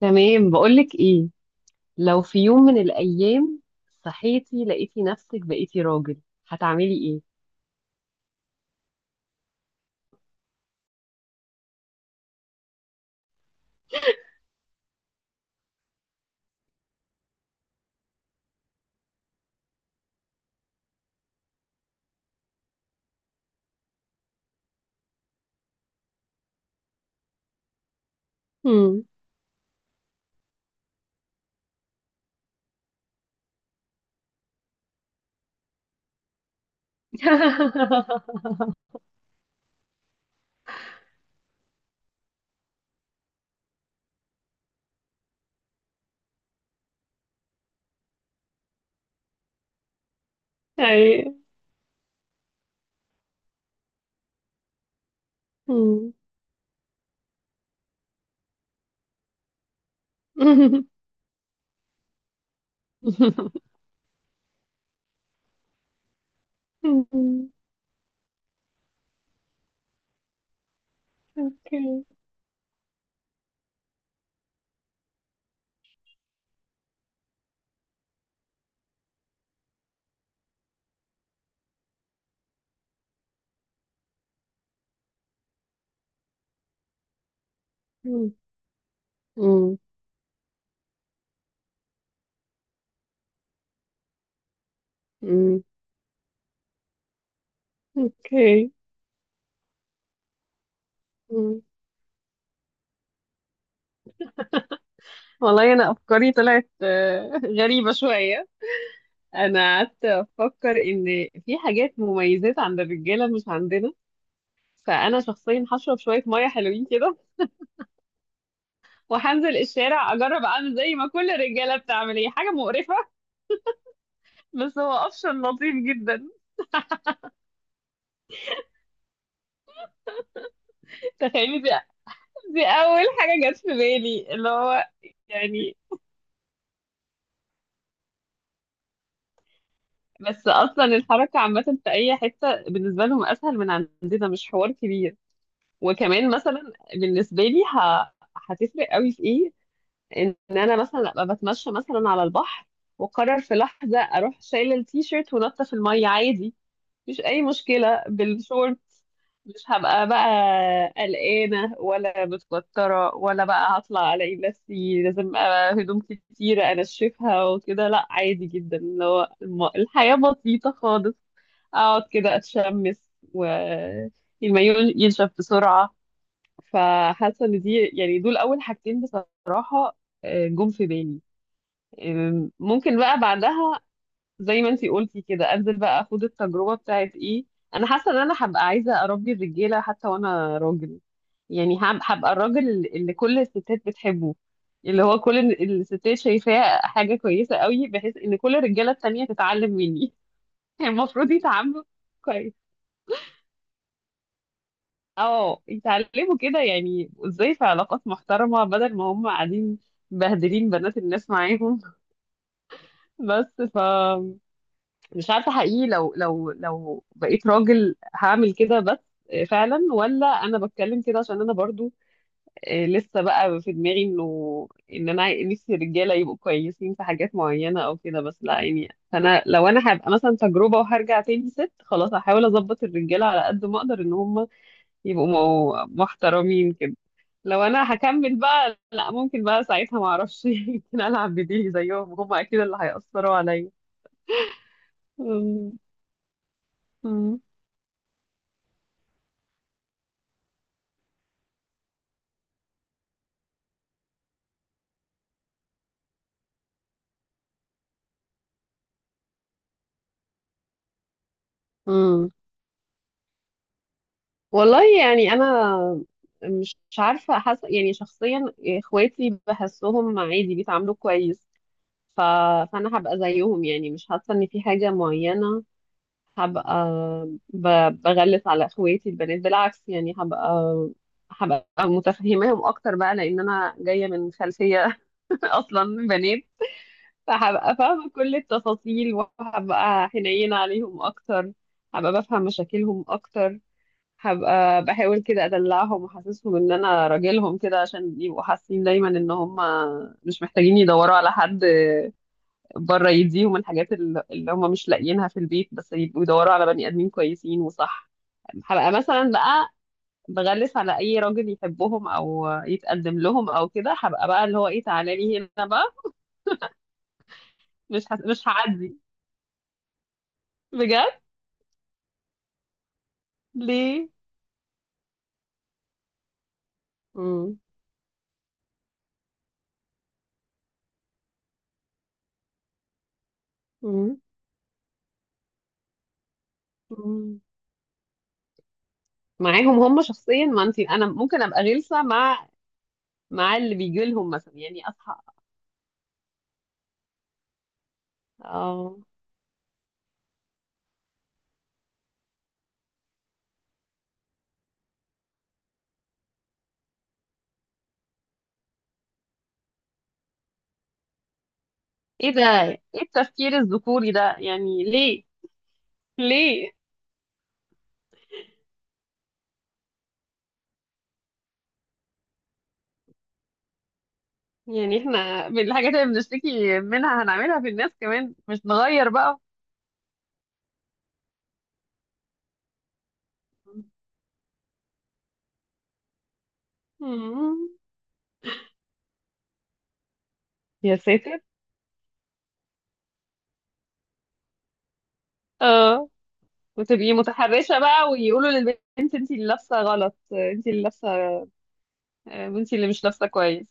تمام، بقولك ايه. لو في يوم من الايام صحيتي لقيتي نفسك بقيتي راجل هتعملي ايه؟ مم. أي. مم. مم. اوكي. مم. مم. مم. اوكي. مم. والله انا افكاري طلعت غريبة شوية. انا قعدت افكر ان في حاجات مميزات عند الرجالة مش عندنا. فانا شخصيا هشرب شوية مية حلوين كده وهنزل الشارع اجرب اعمل زي ما كل الرجاله بتعمل. هي حاجه مقرفه. بس هو اوبشن لطيف جدا. تخيلي دي اول حاجه جت في بالي، اللي هو يعني. بس اصلا الحركه عامه في اي حته، بالنسبه لهم اسهل من عندنا، مش حوار كبير. وكمان مثلا بالنسبه لي هتفرق قوي في ايه؟ ان انا مثلا ابقى بتمشى مثلا على البحر وقرر في لحظه اروح شايله التيشيرت ونطه في الميه عادي، مفيش اي مشكله بالشورت. مش هبقى بقى قلقانه ولا متوتره ولا بقى هطلع الاقي نفسي لازم أبقى هدوم كتيره انشفها وكده، لا عادي جدا، اللي هو الحياه بسيطه خالص. اقعد كده اتشمس والمايو ينشف بسرعه. فحاسه ان دي يعني دول اول حاجتين بصراحه، جم في بالي. ممكن بقى بعدها زي ما انتي قلتي كده انزل بقى اخد التجربه بتاعت ايه. انا حاسه ان انا هبقى عايزه اربي الرجاله حتى وانا راجل. يعني هبقى الراجل اللي كل الستات بتحبه، اللي هو كل الستات شايفاه حاجه كويسه قوي، بحيث ان كل الرجاله التانية تتعلم مني. يعني المفروض يتعاملوا كويس. اه يتعلموا كده، يعني ازاي في علاقات محترمه، بدل ما هم قاعدين مبهدلين بنات الناس معاهم. بس مش عارفة حقيقي، لو بقيت راجل هعمل كده. بس فعلا، ولا انا بتكلم كده عشان انا برضو لسه بقى في دماغي انه ان انا نفسي الرجاله يبقوا كويسين في حاجات معينه او كده. بس لا، يعني انا لو انا هبقى مثلا تجربه وهرجع تاني ست خلاص، هحاول اظبط الرجاله على قد ما اقدر ان هم يبقوا محترمين كده. لو انا هكمل بقى لا، ممكن بقى ساعتها ما اعرفش. يمكن العب بديلي زيهم، هم اكيد اللي هيأثروا عليا. أمم. أمم. أمم. والله يعني انا مش عارفه، حاسه يعني شخصيا اخواتي بحسهم عادي، بيتعاملوا كويس. ف... فانا هبقى زيهم، يعني مش حاسه ان في حاجه معينه هبقى ب... بغلس على اخواتي البنات، بالعكس يعني. هبقى متفهماهم اكتر بقى، لان انا جايه من خلفيه اصلا بنات. فهبقى فاهمه كل التفاصيل، وهبقى حنينه عليهم اكتر. هبقى بفهم مشاكلهم اكتر. هبقى بحاول كده ادلعهم واحسسهم ان انا راجلهم كده، عشان يبقوا حاسين دايما ان هم مش محتاجين يدوروا على حد بره يديهم الحاجات اللي هم مش لاقيينها في البيت. بس يبقوا يدوروا على بني ادمين كويسين وصح. هبقى مثلا بقى بغلس على اي راجل يحبهم او يتقدم لهم او كده. هبقى بقى اللي هو ايه، تعالى لي هنا بقى. مش هعدي بجد. ليه؟ مم. مم. مم. معاهم هم شخصيا، ما انت انا ممكن ابقى غلسه مع اللي بيجي لهم مثلا، يعني اصحى اه. ايه ده؟ ايه التفكير الذكوري ده، يعني ليه؟ ليه؟ يعني احنا من الحاجات اللي بنشتكي منها هنعملها في الناس كمان، مش نغير بقى. مم. يا ساتر. اه. وتبقي متحرشة بقى ويقولوا للبنت انت اللي لابسة غلط، انت اللي لابسة، انت اللي مش لابسة كويس.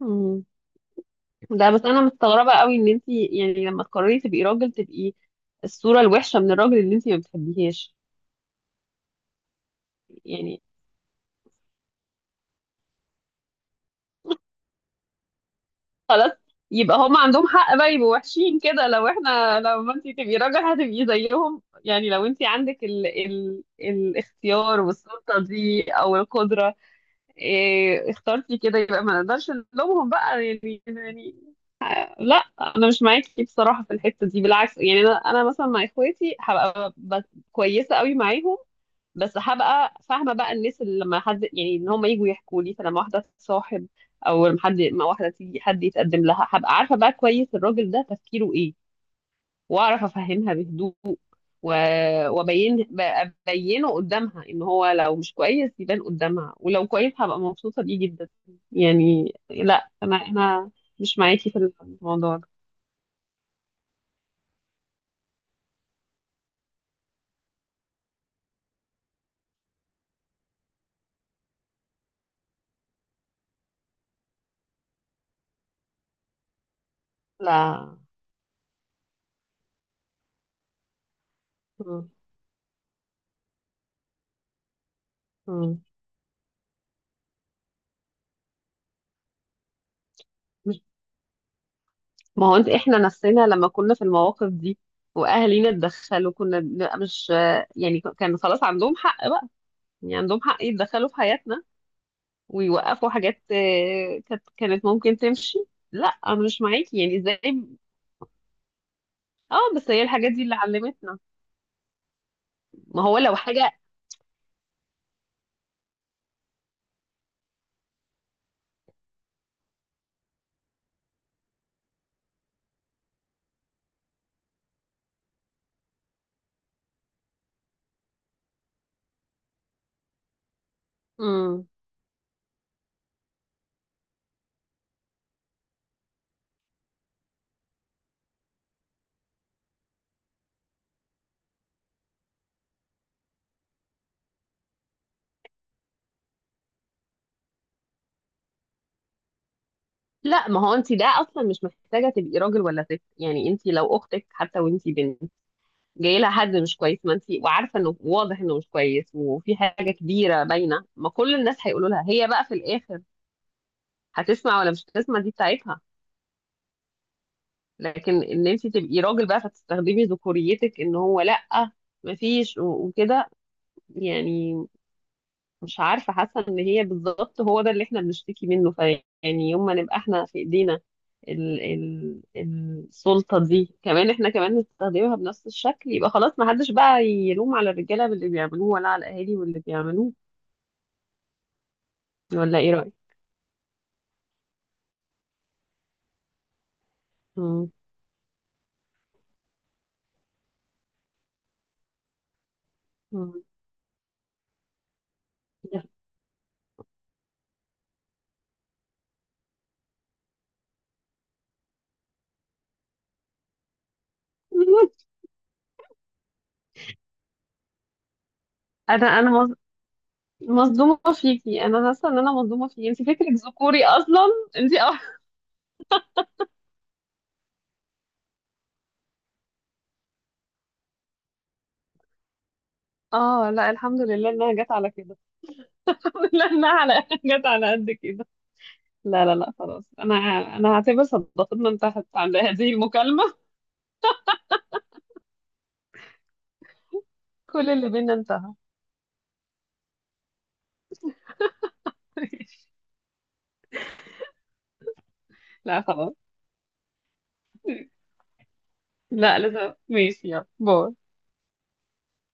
مم. ده بس انا مستغربة قوي ان انت يعني لما تقرري تبقي راجل تبقي الصورة الوحشة من الراجل اللي انت ما بتحبيهاش. يعني خلاص يبقى هم عندهم حق بقى يبقوا وحشين كده، لو احنا لما انت تبقي راجل هتبقي زيهم، يعني لو انت عندك ال الاختيار والسلطة دي او القدرة. إيه اخترتي كده، يبقى ما نقدرش نلومهم بقى، يعني لا. انا مش معاكي بصراحة في الحتة دي، بالعكس يعني. انا مثلا مع اخواتي هبقى كويسة قوي معاهم. بس هبقى فاهمه بقى الناس، اللي لما حد يعني ان هم يجوا يحكوا لي، فلما واحده تصاحب او لما حد ما واحده تيجي حد يتقدم لها هبقى عارفه بقى كويس الراجل ده تفكيره ايه، واعرف افهمها بهدوء. و... وابين ابينه قدامها، ان هو لو مش كويس يبان قدامها، ولو كويس هبقى مبسوطه بيه جدا. يعني لا، انا مش معاكي في الموضوع ده. لا م- م- ما هو انت احنا نفسنا لما كنا في المواقف دي واهالينا اتدخلوا كنا بنبقى مش، يعني كان خلاص عندهم حق بقى، يعني عندهم حق يتدخلوا في حياتنا ويوقفوا حاجات كانت ممكن تمشي. لا انا مش معاكي، يعني ازاي؟ اه بس هي الحاجات دي اللي علمتنا. ما هو لو حاجة. مم. لا ما هو انت ده اصلا مش محتاجة تبقي راجل ولا ست، يعني انت لو اختك حتى وانت بنت جاي لها حد مش كويس، ما انت وعارفه انه واضح انه مش كويس وفي حاجه كبيره باينه، ما كل الناس هيقولوا لها. هي بقى في الاخر هتسمع ولا مش هتسمع، دي بتاعتها. لكن ان انت تبقي راجل بقى فتستخدمي ذكوريتك ان هو لا، ما فيش وكده، يعني مش عارفة. حاسة ان هي بالظبط هو ده اللي احنا بنشتكي منه، فيعني يوم ما نبقى احنا في ايدينا ال السلطة دي، كمان احنا كمان نستخدمها بنفس الشكل، يبقى خلاص ما حدش بقى يلوم على الرجالة باللي بيعملوه ولا على الاهالي واللي بيعملوه. ولا ايه رأيك؟ مم. مم. انا مصدومة فيكي. انا حاسة ان انا مصدومة فيكي، انت فكرك ذكوري اصلا. انت اه. لا الحمد لله انها جت على كده. لا انها جت على قد كده. لا لا لا خلاص. انا هعتبر صداقتنا انتهت عند هذه المكالمة. كل اللي بينا انتهى. لا خلاص. لا لازم، ماشي يلا باي.